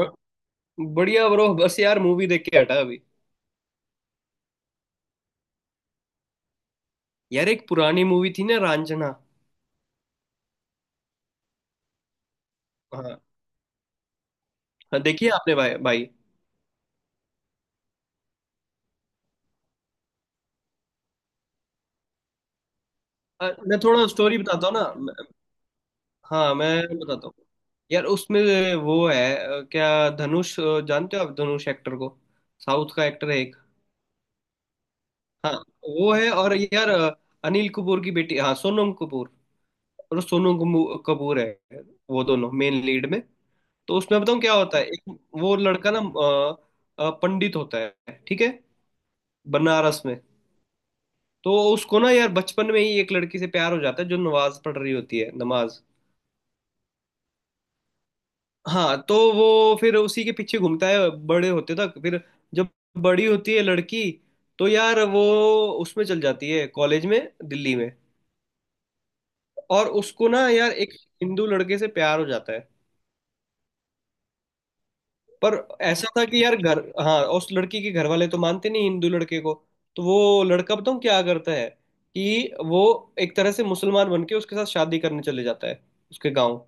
ब- बढ़िया ब्रो। बस यार मूवी देख के हटा अभी। यार एक पुरानी मूवी थी ना, रांझना। हाँ। हाँ, देखी है आपने भाई भाई। मैं थोड़ा स्टोरी बताता हूँ ना। हाँ मैं बताता हूँ। यार उसमें वो है क्या धनुष, जानते हो आप धनुष एक्टर को? साउथ का एक्टर है एक। हाँ। वो है। और यार, अनिल कपूर की बेटी, हाँ, सोनम कपूर। और कपूर है। वो दोनों मेन लीड में। तो उसमें बताऊँ क्या होता है? एक वो लड़का ना, पंडित होता है, ठीक है, बनारस में। तो उसको ना यार बचपन में ही एक लड़की से प्यार हो जाता है, जो नमाज पढ़ रही होती है नमाज। हाँ तो वो फिर उसी के पीछे घूमता है बड़े होते तक। फिर जब बड़ी होती है लड़की, तो यार वो उसमें चल जाती है कॉलेज में, दिल्ली में। और उसको ना यार एक हिंदू लड़के से प्यार हो जाता है। पर ऐसा था कि यार घर, हाँ, उस लड़की के घर वाले तो मानते नहीं हिंदू लड़के को। तो वो लड़का बताऊँ क्या करता है कि वो एक तरह से मुसलमान बन के उसके साथ शादी करने चले जाता है, उसके गाँव।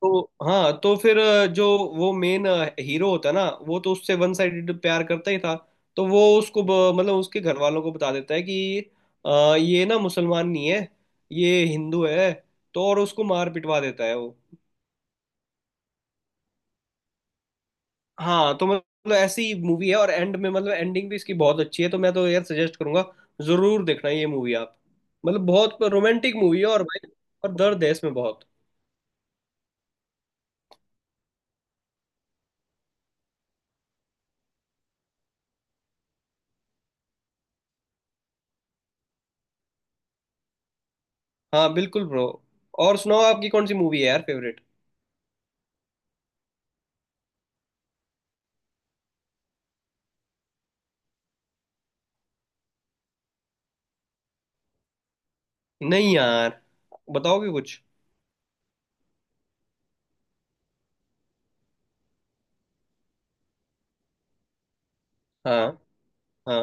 तो हाँ, तो फिर जो वो मेन हीरो होता है ना, वो तो उससे वन साइडेड प्यार करता ही था। तो वो उसको मतलब उसके घर वालों को बता देता है कि ये ना मुसलमान नहीं है, ये हिंदू है। तो और उसको मार पिटवा देता है वो। हाँ तो मतलब ऐसी मूवी है, और एंड में मतलब एंडिंग भी इसकी बहुत अच्छी है। तो मैं तो यार सजेस्ट करूंगा, जरूर देखना ये मूवी आप। मतलब बहुत रोमांटिक मूवी है और भाई, और दर्द है इसमें बहुत। हाँ बिल्कुल ब्रो। और सुनाओ, आपकी कौन सी मूवी है यार फेवरेट? नहीं यार, बताओगे कुछ। हाँ हाँ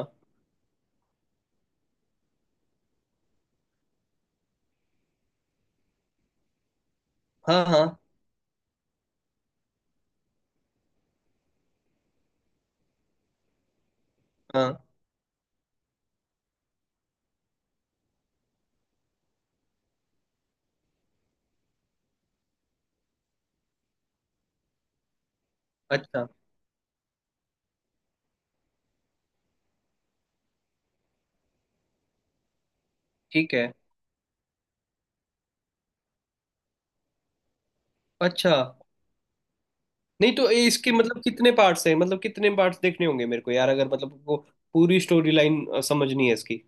हाँ। हाँ। हाँ। अच्छा। ठीक है। अच्छा। नहीं तो ये इसके मतलब कितने पार्ट्स हैं, मतलब कितने पार्ट्स देखने होंगे मेरे को यार, अगर मतलब को पूरी स्टोरी लाइन समझनी है इसकी।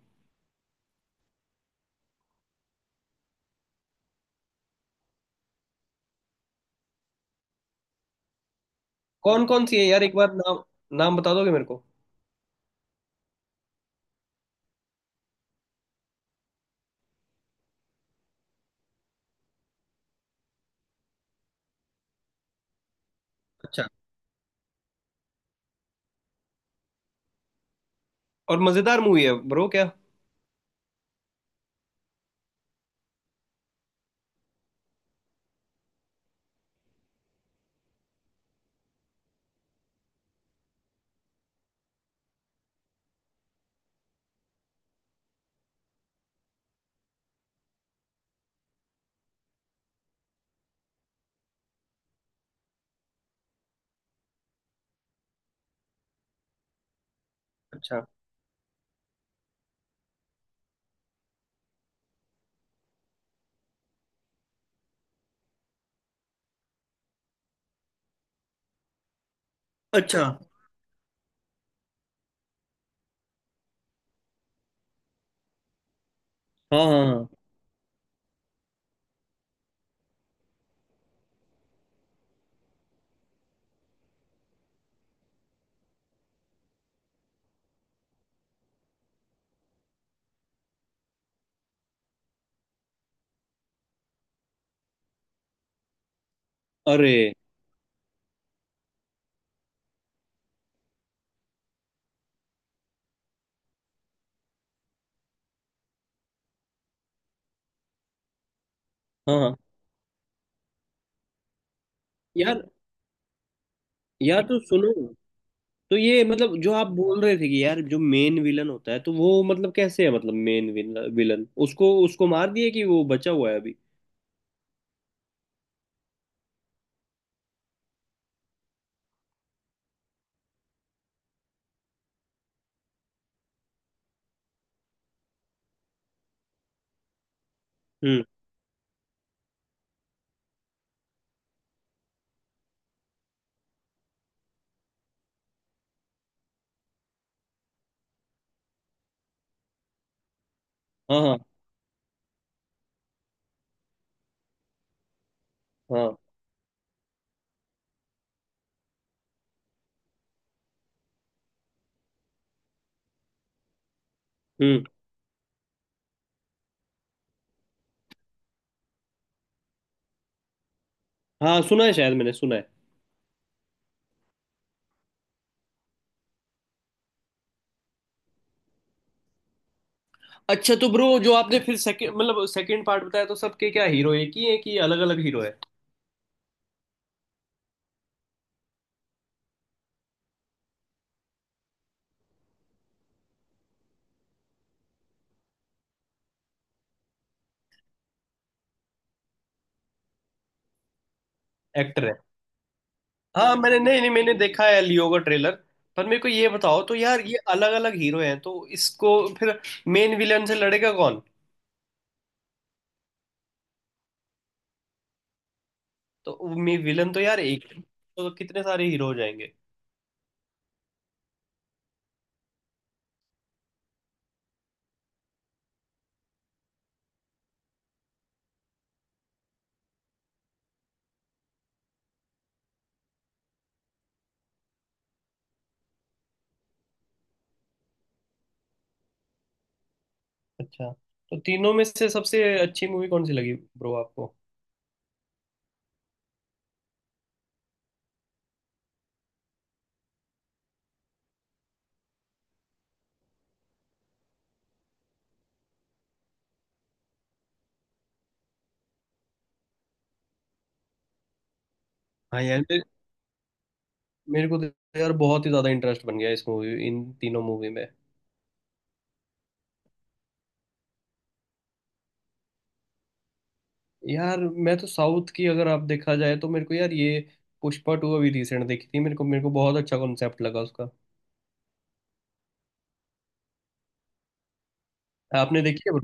कौन कौन सी है यार, एक बार नाम, नाम बता दोगे मेरे को? अच्छा। और मजेदार मूवी है ब्रो क्या? अच्छा अच्छा। हाँ हाँ हाँ। अरे। हाँ हाँ। यार। यार तो सुनो, तो ये मतलब जो आप बोल रहे थे कि यार जो मेन विलन होता है, तो वो मतलब कैसे है, मतलब मेन विलन उसको उसको मार दिया कि वो बचा हुआ है अभी? हम्म। हाँ हाँ हाँ। हम्म। हाँ सुना है, शायद मैंने सुना है। अच्छा तो ब्रो, जो आपने फिर सेकंड, मतलब सेकंड पार्ट बताया, तो सबके क्या हीरो एक ही है कि अलग अलग हीरो है? एक्टर है। हाँ मैंने नहीं नहीं मैंने देखा है लियो का ट्रेलर। पर मेरे को ये बताओ तो यार, ये अलग अलग हीरो हैं तो इसको फिर मेन विलन से लड़ेगा कौन? तो विलन तो यार एक, तो कितने सारे हीरो हो जाएंगे? अच्छा। तो तीनों में से सबसे अच्छी मूवी कौन सी लगी ब्रो आपको? हाँ यार मेरे को तो यार बहुत ही ज्यादा इंटरेस्ट बन गया इस मूवी, इन तीनों मूवी में। यार मैं तो साउथ की अगर आप देखा जाए, तो मेरे को यार ये पुष्पा टू अभी रिसेंट देखी थी, मेरे को, मेरे को बहुत अच्छा कॉन्सेप्ट लगा उसका। आपने देखी है?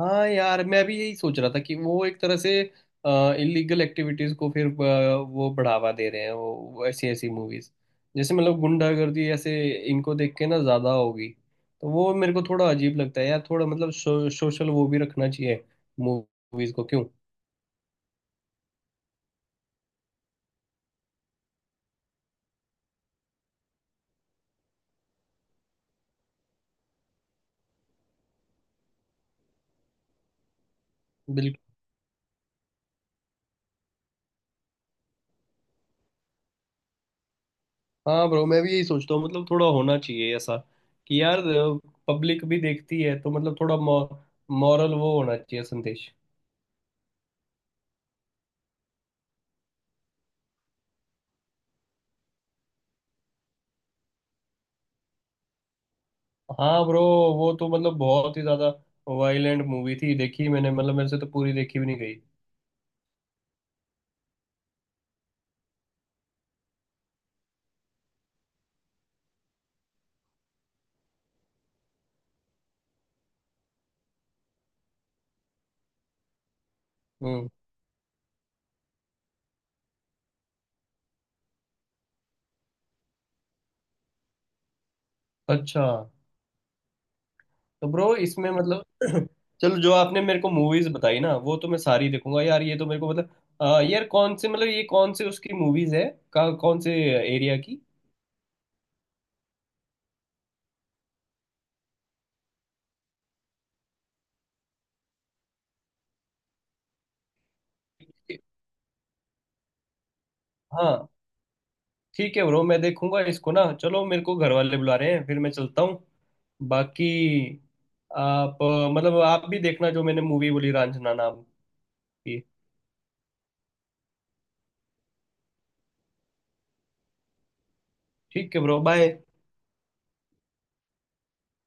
हाँ यार मैं भी यही सोच रहा था कि वो एक तरह से इलीगल एक्टिविटीज को फिर वो बढ़ावा दे रहे हैं, वो ऐसी ऐसी मूवीज, जैसे मतलब गुंडागर्दी ऐसे, इनको देख के ना ज्यादा होगी। तो वो मेरे को थोड़ा अजीब लगता है यार, थोड़ा मतलब सोशल वो भी रखना चाहिए मूवीज को, क्यों? बिल्कुल। हाँ ब्रो मैं भी यही सोचता हूँ, मतलब थोड़ा होना चाहिए ऐसा, कि यार पब्लिक भी देखती है तो मतलब थोड़ा मॉरल वो होना चाहिए, संदेश। हाँ ब्रो, वो तो मतलब बहुत ही ज्यादा वायलेंट मूवी थी, देखी मैंने, मतलब मेरे से तो पूरी देखी भी नहीं गई। हम्म। अच्छा तो ब्रो इसमें मतलब चलो, जो आपने मेरे को मूवीज बताई ना, वो तो मैं सारी देखूंगा यार। ये तो मेरे को मतलब, यार कौन से मतलब ये कौन से उसकी मूवीज है, कौन से एरिया की? हाँ ठीक है ब्रो, मैं देखूंगा इसको ना। चलो मेरे को घर वाले बुला रहे हैं, फिर मैं चलता हूँ। बाकी आप मतलब आप भी देखना जो मैंने मूवी बोली, रांझना नाम की। ठीक है ब्रो, बाय।